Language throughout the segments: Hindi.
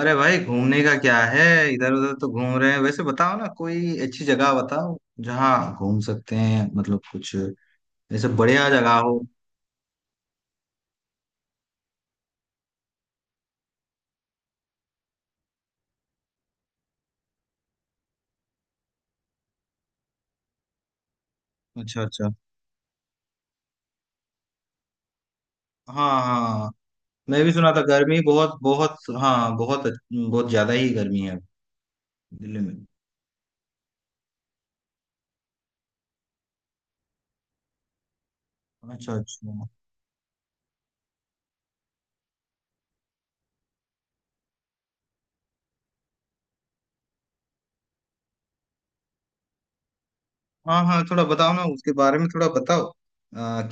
अरे भाई घूमने का क्या है। इधर उधर तो घूम रहे हैं। वैसे बताओ ना, कोई अच्छी जगह बताओ जहाँ घूम सकते हैं, मतलब कुछ ऐसे बढ़िया जगह हो। अच्छा अच्छा। हाँ हाँ हाँ। मैं भी सुना था गर्मी बहुत बहुत, हाँ बहुत बहुत ज्यादा ही गर्मी है दिल्ली में। अच्छा अच्छा। हाँ हाँ, थोड़ा बताओ ना उसके बारे में, थोड़ा बताओ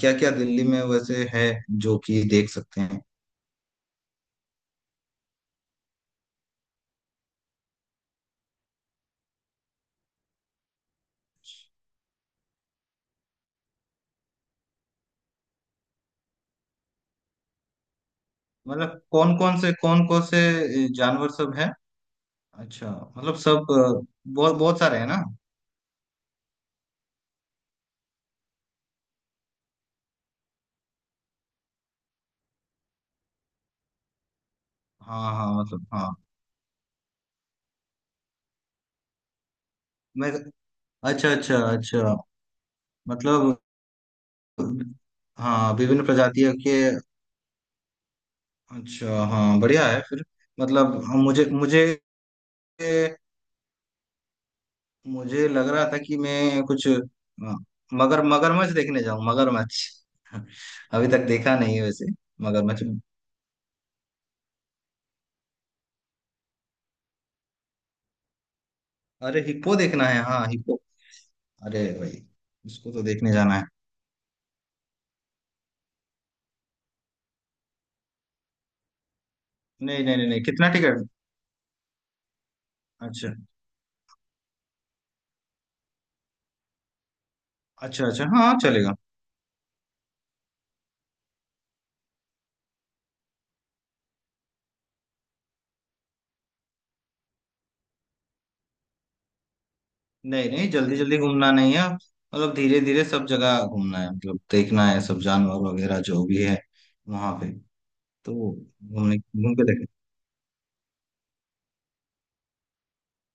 क्या क्या दिल्ली में वैसे है जो कि देख सकते हैं। मतलब कौन कौन से, कौन कौन से जानवर सब है। अच्छा, मतलब सब बहुत बहुत सारे हैं ना। हाँ हाँ, मतलब हाँ। मैं, अच्छा अच्छा अच्छा। मतलब हाँ, विभिन्न प्रजातियों के। अच्छा, हाँ बढ़िया है फिर। मतलब हाँ, मुझे मुझे मुझे लग रहा था कि मैं कुछ, हाँ, मगर मगरमच्छ देखने जाऊँ मगरमच्छ अभी तक देखा नहीं है वैसे। मगरमच्छ। अरे हिप्पो देखना है, हाँ हिप्पो। अरे भाई उसको तो देखने जाना है। नहीं नहीं नहीं नहीं कितना टिकट। अच्छा अच्छा, अच्छा हाँ चलेगा। नहीं नहीं, जल्दी जल्दी घूमना नहीं है, मतलब धीरे धीरे सब जगह घूमना है, मतलब देखना है सब जानवर वगैरह जो भी है वहां पे तो। घूमने घूम के देखें,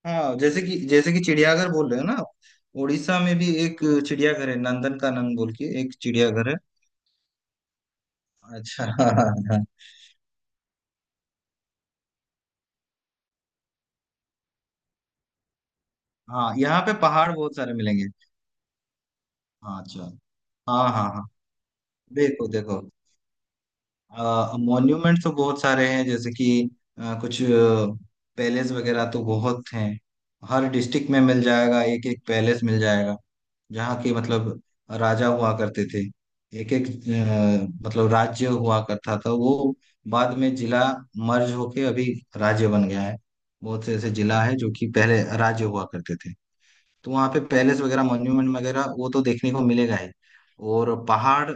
हाँ जैसे कि, जैसे कि चिड़ियाघर बोल रहे हो ना आप, उड़ीसा में भी एक चिड़ियाघर है, नंदन कानन बोल के एक चिड़ियाघर है। अच्छा हाँ यहाँ पे पहाड़ बहुत सारे मिलेंगे। हाँ अच्छा। हाँ हाँ हाँ। देखो देखो, मॉन्यूमेंट तो बहुत सारे हैं, जैसे कि कुछ पैलेस वगैरह तो बहुत हैं। हर डिस्ट्रिक्ट में मिल जाएगा, एक एक पैलेस मिल जाएगा जहाँ के मतलब राजा हुआ करते थे। एक एक मतलब राज्य हुआ करता था वो, बाद में जिला मर्ज होके अभी राज्य बन गया है। बहुत से ऐसे जिला है जो कि पहले राज्य हुआ करते थे। तो वहाँ पे पैलेस वगैरह, मॉन्यूमेंट वगैरह वो तो देखने को मिलेगा ही। और पहाड़,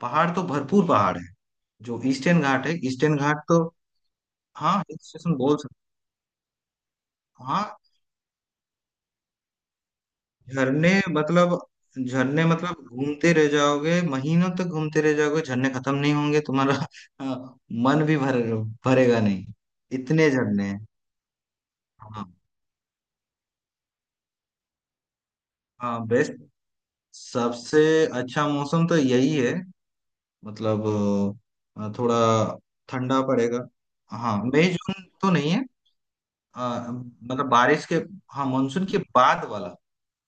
पहाड़ तो भरपूर पहाड़ है। जो ईस्टर्न घाट है, ईस्टर्न घाट तो। हाँ हिल स्टेशन बोल सकते हो। हाँ झरने मतलब, झरने मतलब घूमते रह जाओगे, महीनों तक घूमते रह जाओगे, झरने खत्म नहीं होंगे तुम्हारा हाँ, मन भी भर भरेगा नहीं। इतने झरने हैं। हाँ हाँ, बेस्ट सबसे अच्छा मौसम तो यही है मतलब थोड़ा ठंडा पड़ेगा। हाँ मई जून तो नहीं है, अ, मतलब बारिश के, हाँ मानसून के बाद वाला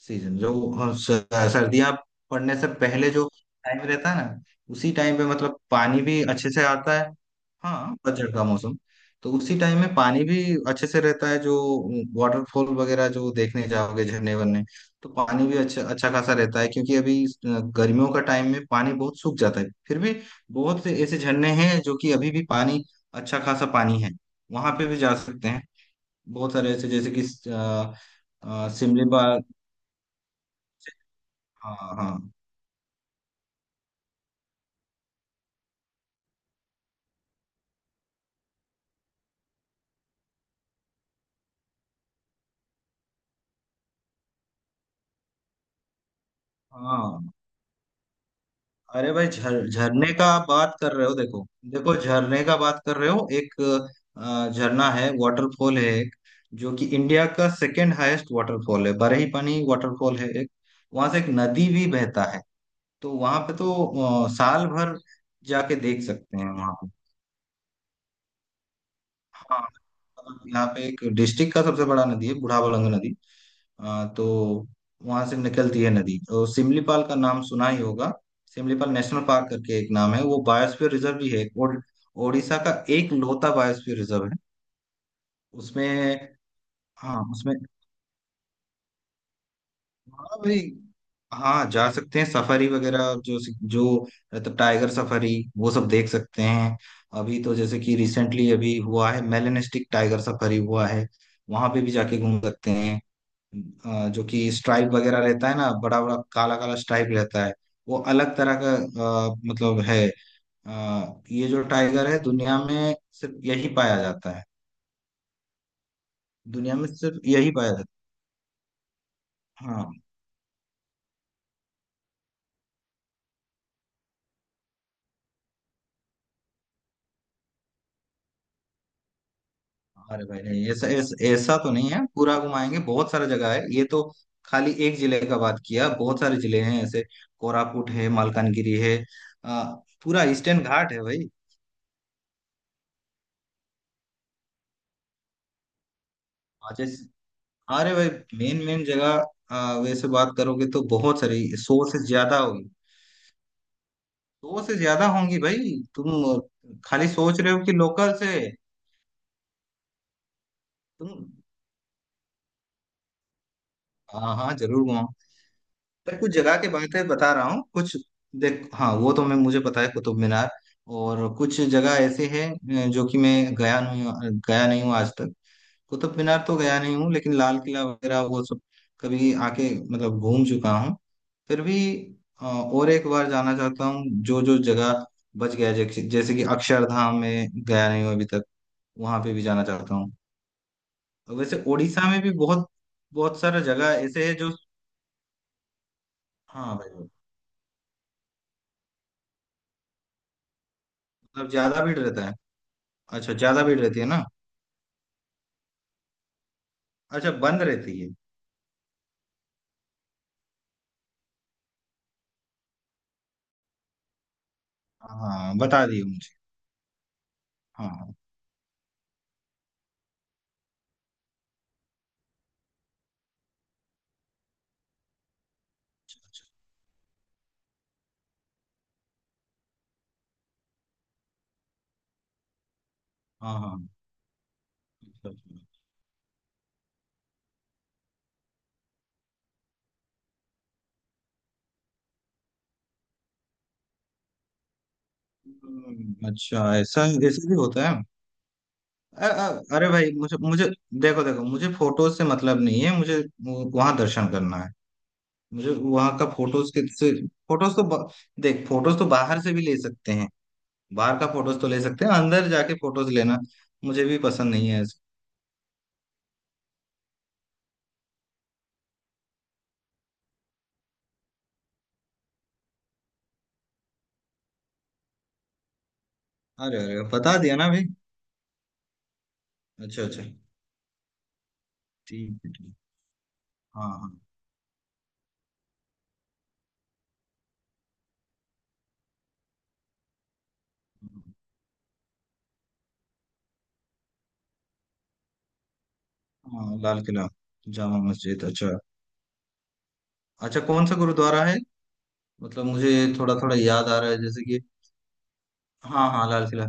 सीजन जो, हाँ, सर्दियाँ पड़ने से पहले जो टाइम रहता है ना, उसी टाइम पे मतलब पानी भी अच्छे से आता है। हाँ पतझड़ का मौसम, तो उसी टाइम में पानी भी अच्छे से रहता है जो वाटरफॉल वगैरह जो देखने जाओगे, झरने वरने, तो पानी भी अच्छा अच्छा खासा रहता है, क्योंकि अभी गर्मियों का टाइम में पानी बहुत सूख जाता है। फिर भी बहुत से ऐसे झरने हैं जो कि अभी भी पानी, अच्छा खासा पानी है, वहां पे भी जा सकते हैं। बहुत सारे ऐसे, जैसे कि अ, सिमलीपाल। हाँ हाँ हाँ। अरे भाई झर झरने का आप बात कर रहे हो, देखो देखो झरने का बात कर रहे हो, एक झरना है, वाटरफॉल है एक जो कि इंडिया का सेकेंड हाईएस्ट वाटरफॉल है, बरही पानी वाटरफॉल है एक। वहां से एक नदी भी बहता है, तो वहां पे तो साल भर जाके देख सकते हैं वहां पे। हाँ मतलब यहाँ पे एक डिस्ट्रिक्ट का सबसे बड़ा नदी है, बुढ़ाबलंग नदी, तो वहां से निकलती है नदी। और सिमलीपाल का नाम सुना ही होगा, सिमलीपाल नेशनल पार्क करके एक नाम है। वो बायोस्फीयर रिजर्व भी है एक और, ओडिशा का एक लौता बायोस्फीयर रिजर्व है उसमें। हाँ उसमें, हाँ भाई हाँ जा सकते हैं। सफारी वगैरह जो, जो मतलब टाइगर सफारी, वो सब देख सकते हैं। अभी तो जैसे कि रिसेंटली अभी हुआ है, मेलेनिस्टिक टाइगर सफारी हुआ है, वहां पे भी जाके घूम सकते हैं। जो कि स्ट्राइप वगैरह रहता है ना, बड़ा बड़ा काला काला स्ट्राइप रहता है। वो अलग तरह का मतलब है ये जो टाइगर है दुनिया में सिर्फ यही पाया जाता है। दुनिया में सिर्फ यही पाया जाता है। हाँ। अरे भाई नहीं, ऐसा ऐसा ऐसा तो नहीं है, पूरा घुमाएंगे, बहुत सारा जगह है ये तो। खाली एक जिले का बात किया, बहुत सारे जिले हैं ऐसे, कोरापुट है, मालकानगिरी है, अ, पूरा ईस्टर्न घाट है भाई। हाँ, अरे भाई मेन मेन जगह, वैसे बात करोगे तो बहुत सारी, सौ से ज्यादा होगी, सौ से ज्यादा होंगी भाई। तुम खाली सोच रहे हो कि लोकल से। तुम, हाँ हाँ जरूर घुमाओ, पर कुछ जगह के बातें बता रहा हूँ कुछ। देख हाँ, वो तो मैं मुझे पता है कुतुब मीनार। और कुछ जगह ऐसे हैं जो कि मैं गया नहीं, गया नहीं हूँ आज तक। कुतुब मीनार तो गया नहीं हूँ, लेकिन लाल किला वगैरह वो सब कभी आके मतलब घूम चुका हूँ। फिर भी और एक बार जाना चाहता हूँ, जो जो जगह बच गया है, जैसे जैसे कि अक्षरधाम में गया नहीं हूँ अभी तक, वहां पे भी जाना चाहता हूँ। और वैसे उड़ीसा में भी बहुत बहुत सारा जगह ऐसे है जो। हाँ भाई, मतलब ज्यादा भीड़ रहता है। अच्छा ज्यादा भीड़ रहती है ना। अच्छा बंद रहती है। हाँ बता दिए मुझे। हाँ हाँ। हाँ हाँ। अच्छा अच्छा। अच्छा ऐसा, ऐसे भी होता है। अरे भाई मुझे मुझे, देखो देखो, मुझे फोटोज से मतलब नहीं है, मुझे वहां दर्शन करना है। मुझे वहां का फोटोज के से, फोटोज तो ब- देख फोटोज तो बाहर से भी ले सकते हैं। बाहर का फोटोज तो ले सकते हैं, अंदर जाके फोटोज लेना मुझे भी पसंद नहीं है ऐसा। अरे अरे बता दिया ना भाई। अच्छा अच्छा। ठीक है ठीक। हाँ हाँ। हाँ हाँ, लाल किला। जामा मस्जिद, अच्छा अच्छा, कौन सा गुरुद्वारा है। मतलब मुझे थोड़ा थोड़ा याद आ रहा है, जैसे कि हाँ हाँ लाल किला।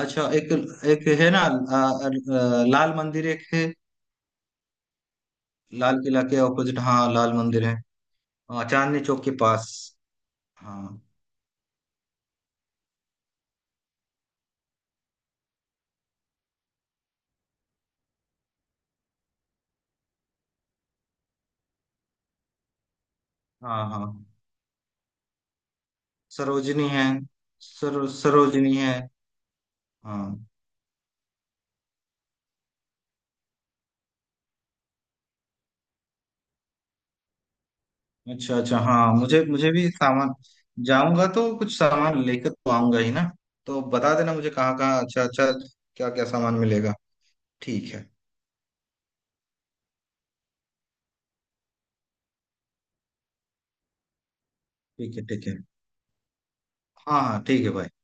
अच्छा एक, एक है ना आ, आ, लाल मंदिर एक है। लाल किला के ऑपोजिट हाँ लाल मंदिर है। हाँ, चांदनी चौक के पास। हाँ हाँ हाँ। सरोजनी है, सरोजनी है। हाँ अच्छा अच्छा, हाँ मुझे मुझे भी सामान, जाऊंगा तो कुछ सामान लेकर तो आऊंगा ही ना, तो बता देना मुझे कहाँ कहाँ, अच्छा अच्छा, क्या क्या सामान मिलेगा। ठीक है। ठीक है ठीक है। हाँ हाँ ठीक है भाई।